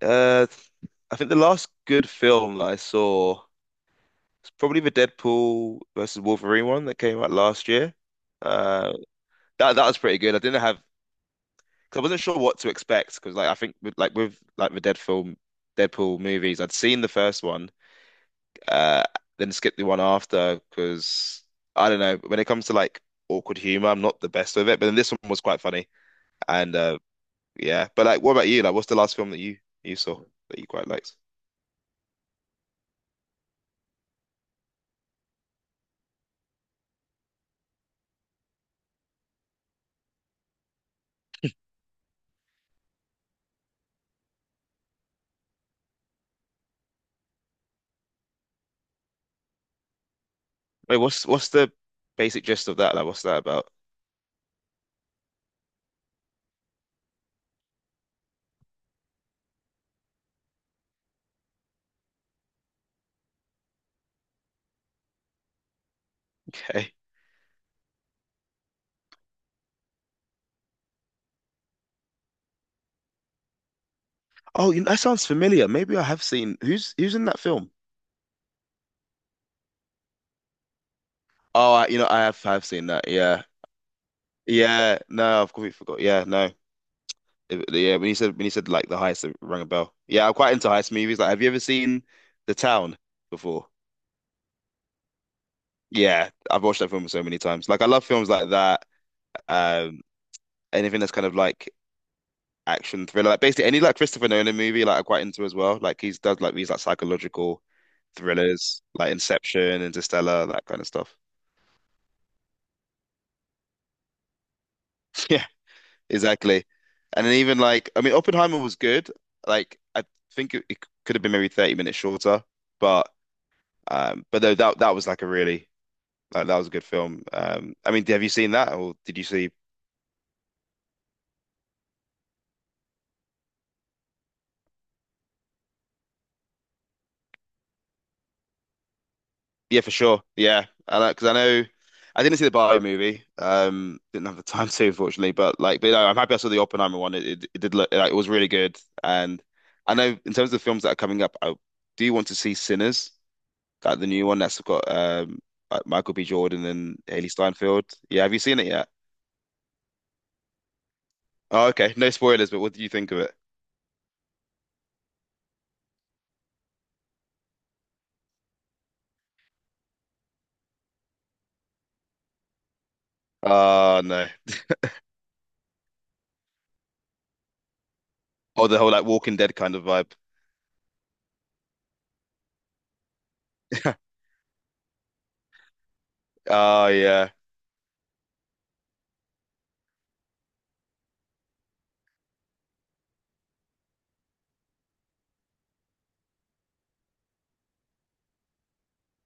Uh, I think the last good film that I saw was probably the Deadpool versus Wolverine one that came out last year. Uh, that was pretty good. I didn't have, cause I wasn't sure what to expect because like I think with like the Dead film, Deadpool movies, I'd seen the first one, uh, then skipped the one after because I don't know. When it comes to like awkward humor, I'm not the best with it. But then this one was quite funny and yeah. But like, what about you? Like, what's the last film that you saw that you quite liked? Wait, what's the basic gist of that? Like, what's that about? Okay. Oh, you know, that sounds familiar. Maybe I have seen who's in that film. Oh, I, you know, I have I've seen that. Yeah, yeah. No, I've completely forgot. Yeah, no. Yeah, when you said like the heist, it rang a bell. Yeah, I'm quite into heist movies. Like, have you ever seen The Town before? Yeah, I've watched that film so many times. Like, I love films like that. Um, Anything that's kind of like action thriller, like basically any like Christopher Nolan movie, like I'm quite into as well. Like he's does like these like psychological thrillers like Inception, Interstellar, that kind of stuff. Yeah, exactly. And then even like, I mean, Oppenheimer was good. Like, I think it could have been maybe 30 minutes shorter, but though that was like a really like that was a good film. I mean, have you seen that or did you see? Yeah, for sure. Yeah, I because I know I didn't see the Barbie movie. Didn't have the time to, unfortunately. But like, but no, I'm happy I saw the Oppenheimer one. It did look like it was really good. And I know in terms of the films that are coming up, I do want to see Sinners, like the new one that's got like Michael B. Jordan and Haley Steinfeld. Yeah, have you seen it yet? Oh, okay. No spoilers, but what do you think of it? Oh no. Or the whole like Walking Dead kind of vibe. Oh yeah.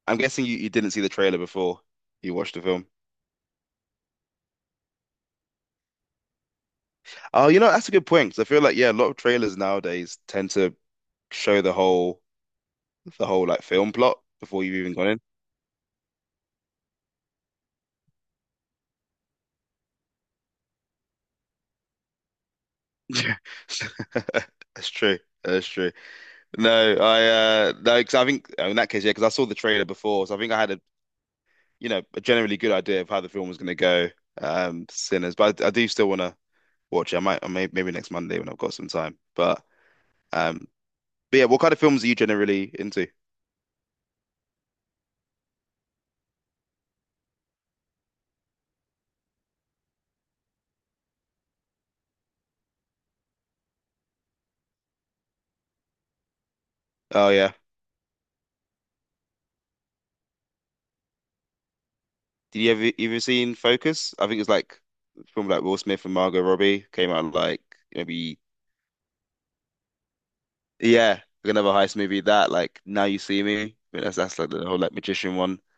I'm guessing you didn't see the trailer before you watched the film. Oh, you know, that's a good point 'cause I feel like yeah, a lot of trailers nowadays tend to show the whole like film plot before you've even gone in. Yeah. That's true. That's true. No, I no, 'Cause I think oh, in that case, yeah, because I saw the trailer before, so I think I had a a generally good idea of how the film was going to go. Sinners, but I do still want to watch it. I might, I may, maybe next Monday when I've got some time. Um, but yeah, what kind of films are you generally into? Oh yeah. Did you ever even seen Focus? I think it's like a film like Will Smith and Margot Robbie came out like maybe yeah, like another heist movie that like Now You See Me. I mean, that's like the whole like magician one.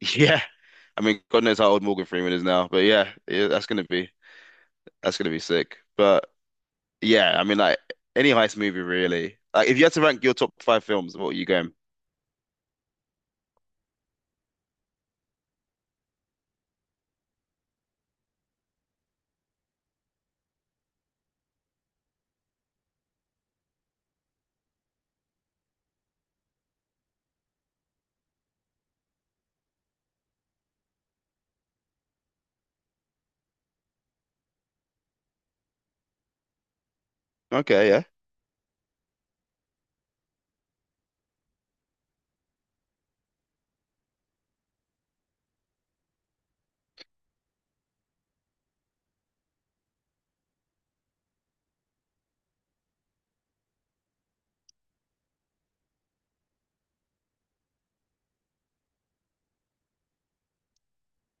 Yeah, I mean God knows how old Morgan Freeman is now, but yeah, yeah, that's gonna be sick. But yeah, I mean like any heist movie really. Like if you had to rank your top five films, what are you going? Okay, yeah,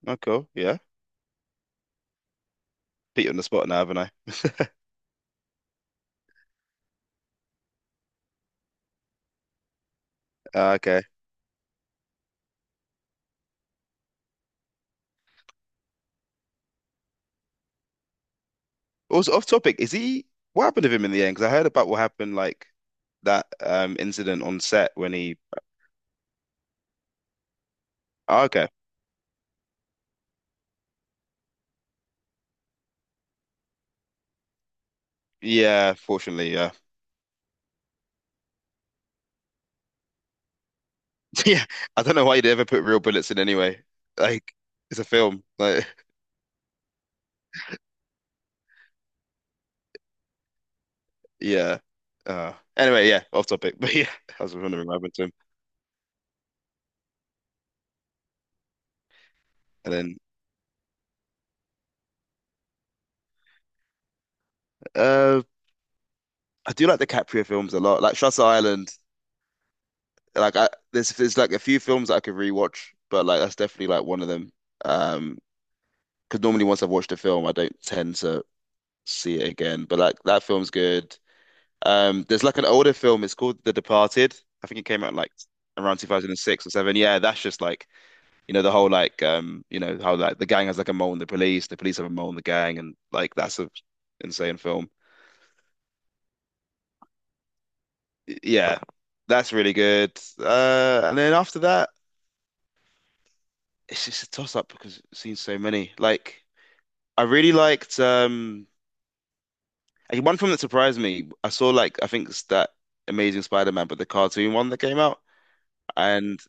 oh cool, yeah. Put you on the spot now, haven't I? Okay. Also off topic, is he what happened to him in the end? Because I heard about what happened like that incident on set when he oh, okay. Yeah, fortunately, yeah. Yeah. I don't know why you'd ever put real bullets in anyway. Like it's a film. Like yeah. Anyway, yeah, off topic. But yeah, I was wondering what happened to him. And then uh I do like the DiCaprio films a lot. Like Shutter Island. Like I there's like a few films that I could rewatch, but like that's definitely like one of them. Um because normally once I've watched a film, I don't tend to see it again. But like that film's good. There's like an older film. It's called The Departed. I think it came out like around 2006 or seven. Yeah, that's just like the whole like you know how like the gang has like a mole in the police have a mole in the gang, and like that's a insane film. Yeah, that's really good. And then after that, it's just a toss up because I've seen so many. Like I really liked like, one film that surprised me. I saw like I think it's that Amazing Spider-Man, but the cartoon one that came out. And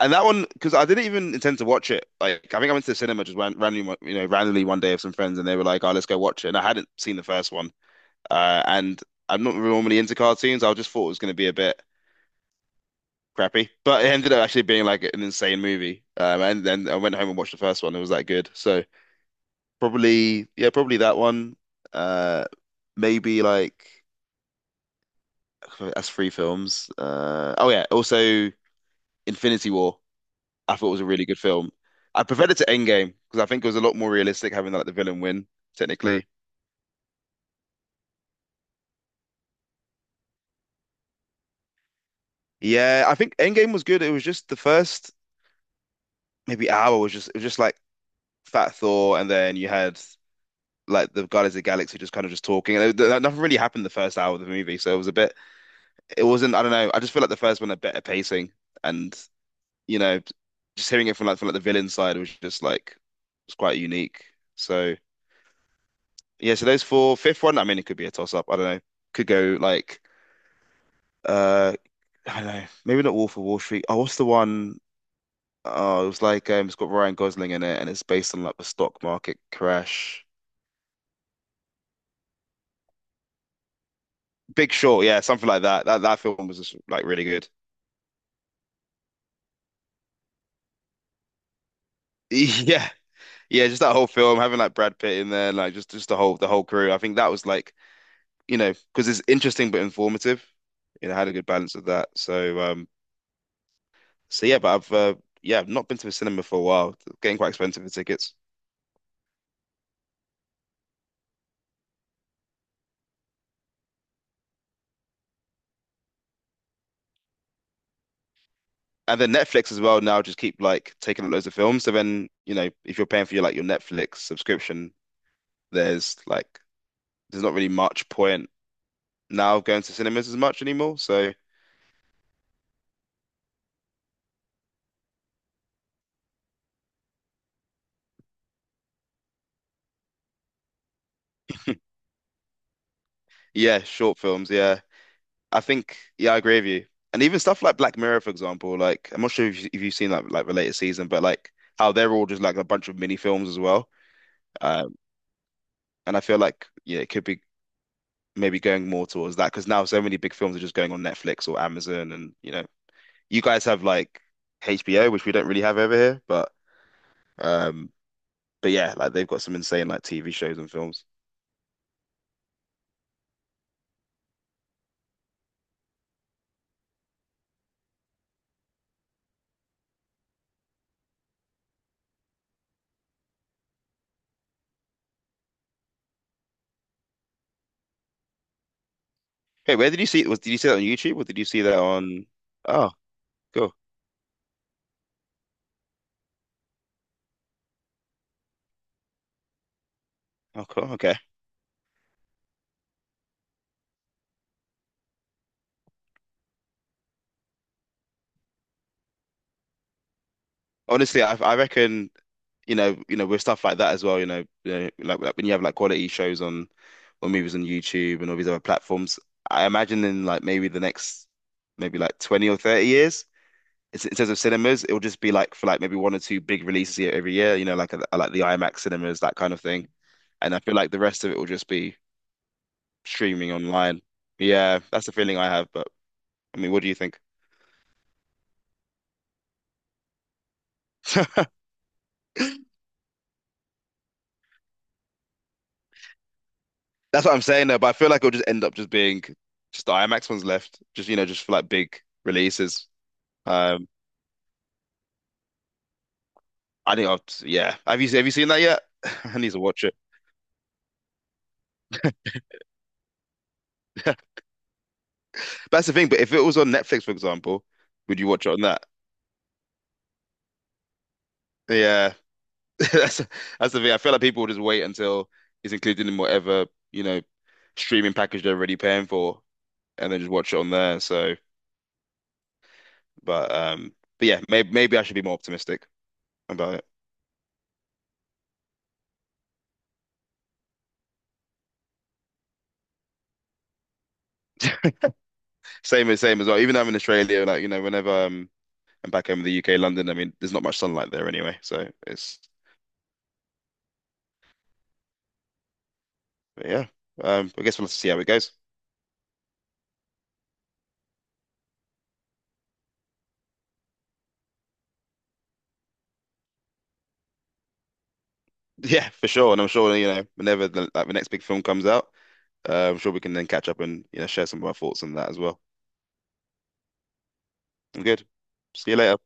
And that one, because I didn't even intend to watch it. Like, I think I went to the cinema just went randomly, you know, randomly one day with some friends, and they were like, "Oh, let's go watch it." And I hadn't seen the first one, and I'm not really normally into cartoons. I just thought it was going to be a bit crappy, but it ended up actually being like an insane movie. And then I went home and watched the first one. It was that good. So probably, yeah, probably that one. Uh, Maybe like that's three films. Oh yeah, also Infinity War. I thought it was a really good film. I preferred it to Endgame because I think it was a lot more realistic having like the villain win. Mm. Technically. Yeah, I think Endgame was good. It was just the first maybe hour was just it was just like Fat Thor, and then you had like the Guardians of the Galaxy just kind of just talking. Nothing really happened the first hour of the movie, so it was a bit. It wasn't. I don't know. I just feel like the first one had better pacing, and you know, just hearing it from like the villain side was just like it's quite unique. So yeah, so those four. Fifth one, I mean, it could be a toss up. I don't know. Could go like. uh I don't know, maybe not Wolf of Wall Street. Oh, what's the one? Oh, it was like it's got Ryan Gosling in it, and it's based on like the stock market crash. Big Short, yeah, something like that. That film was just like really good. Yeah, yeah, just that whole film having like Brad Pitt in there, like just the whole crew. I think that was like you know because it's interesting but informative. You know, had a good balance of that. So so yeah, but I've yeah, I've not been to the cinema for a while. It's getting quite expensive for tickets. And then Netflix as well now just keep like taking up loads of films. So then, you know, if you're paying for your like your Netflix subscription, there's like there's not really much point now going to cinemas as much anymore. So yeah, short films, yeah. I think yeah, I agree with you. And even stuff like Black Mirror, for example, like I'm not sure if you, if you've seen like the latest season, but like how they're all just like a bunch of mini films as well. Um, and I feel like yeah, it could be maybe going more towards that because now so many big films are just going on Netflix or Amazon, and you know, you guys have like HBO, which we don't really have over here, um, but yeah, like they've got some insane like TV shows and films. Hey, where did you see it? Was did you see that on YouTube or did you see that on? Oh, cool. Oh, cool. Okay. Honestly, I reckon you know, with stuff like that as well. You know like when you have like quality shows on or movies on YouTube and all these other platforms. I imagine in like maybe the next maybe like 20 or 30 years in terms of cinemas, it will just be like for like maybe one or two big releases here every year, you know, like the IMAX cinemas, that kind of thing. And I feel like the rest of it will just be streaming online. Yeah, that's the feeling I have. But I mean, what do you think? That's what I'm saying though. But I feel like it'll just end up just being just the IMAX ones left, just you know, just for like big releases. Um, I think I'll, yeah. Have you seen that yet? I need to watch it. But that's the thing. But if it was on Netflix, for example, would you watch it on that? Yeah. That's that's the thing. I feel like people will just wait until it's included in whatever, you know, streaming package they're already paying for and then just watch it on there. So, but um but yeah, maybe I should be more optimistic about it. Same as well. Even though I'm in Australia, like, you know, whenever I'm back home in the UK, London, I mean, there's not much sunlight there anyway. So it's but yeah. I guess we'll have to see how it goes. Yeah, for sure. And I'm sure, you know, whenever the next big film comes out, I'm sure we can then catch up and, you know, share some of our thoughts on that as well. I'm good. See you later.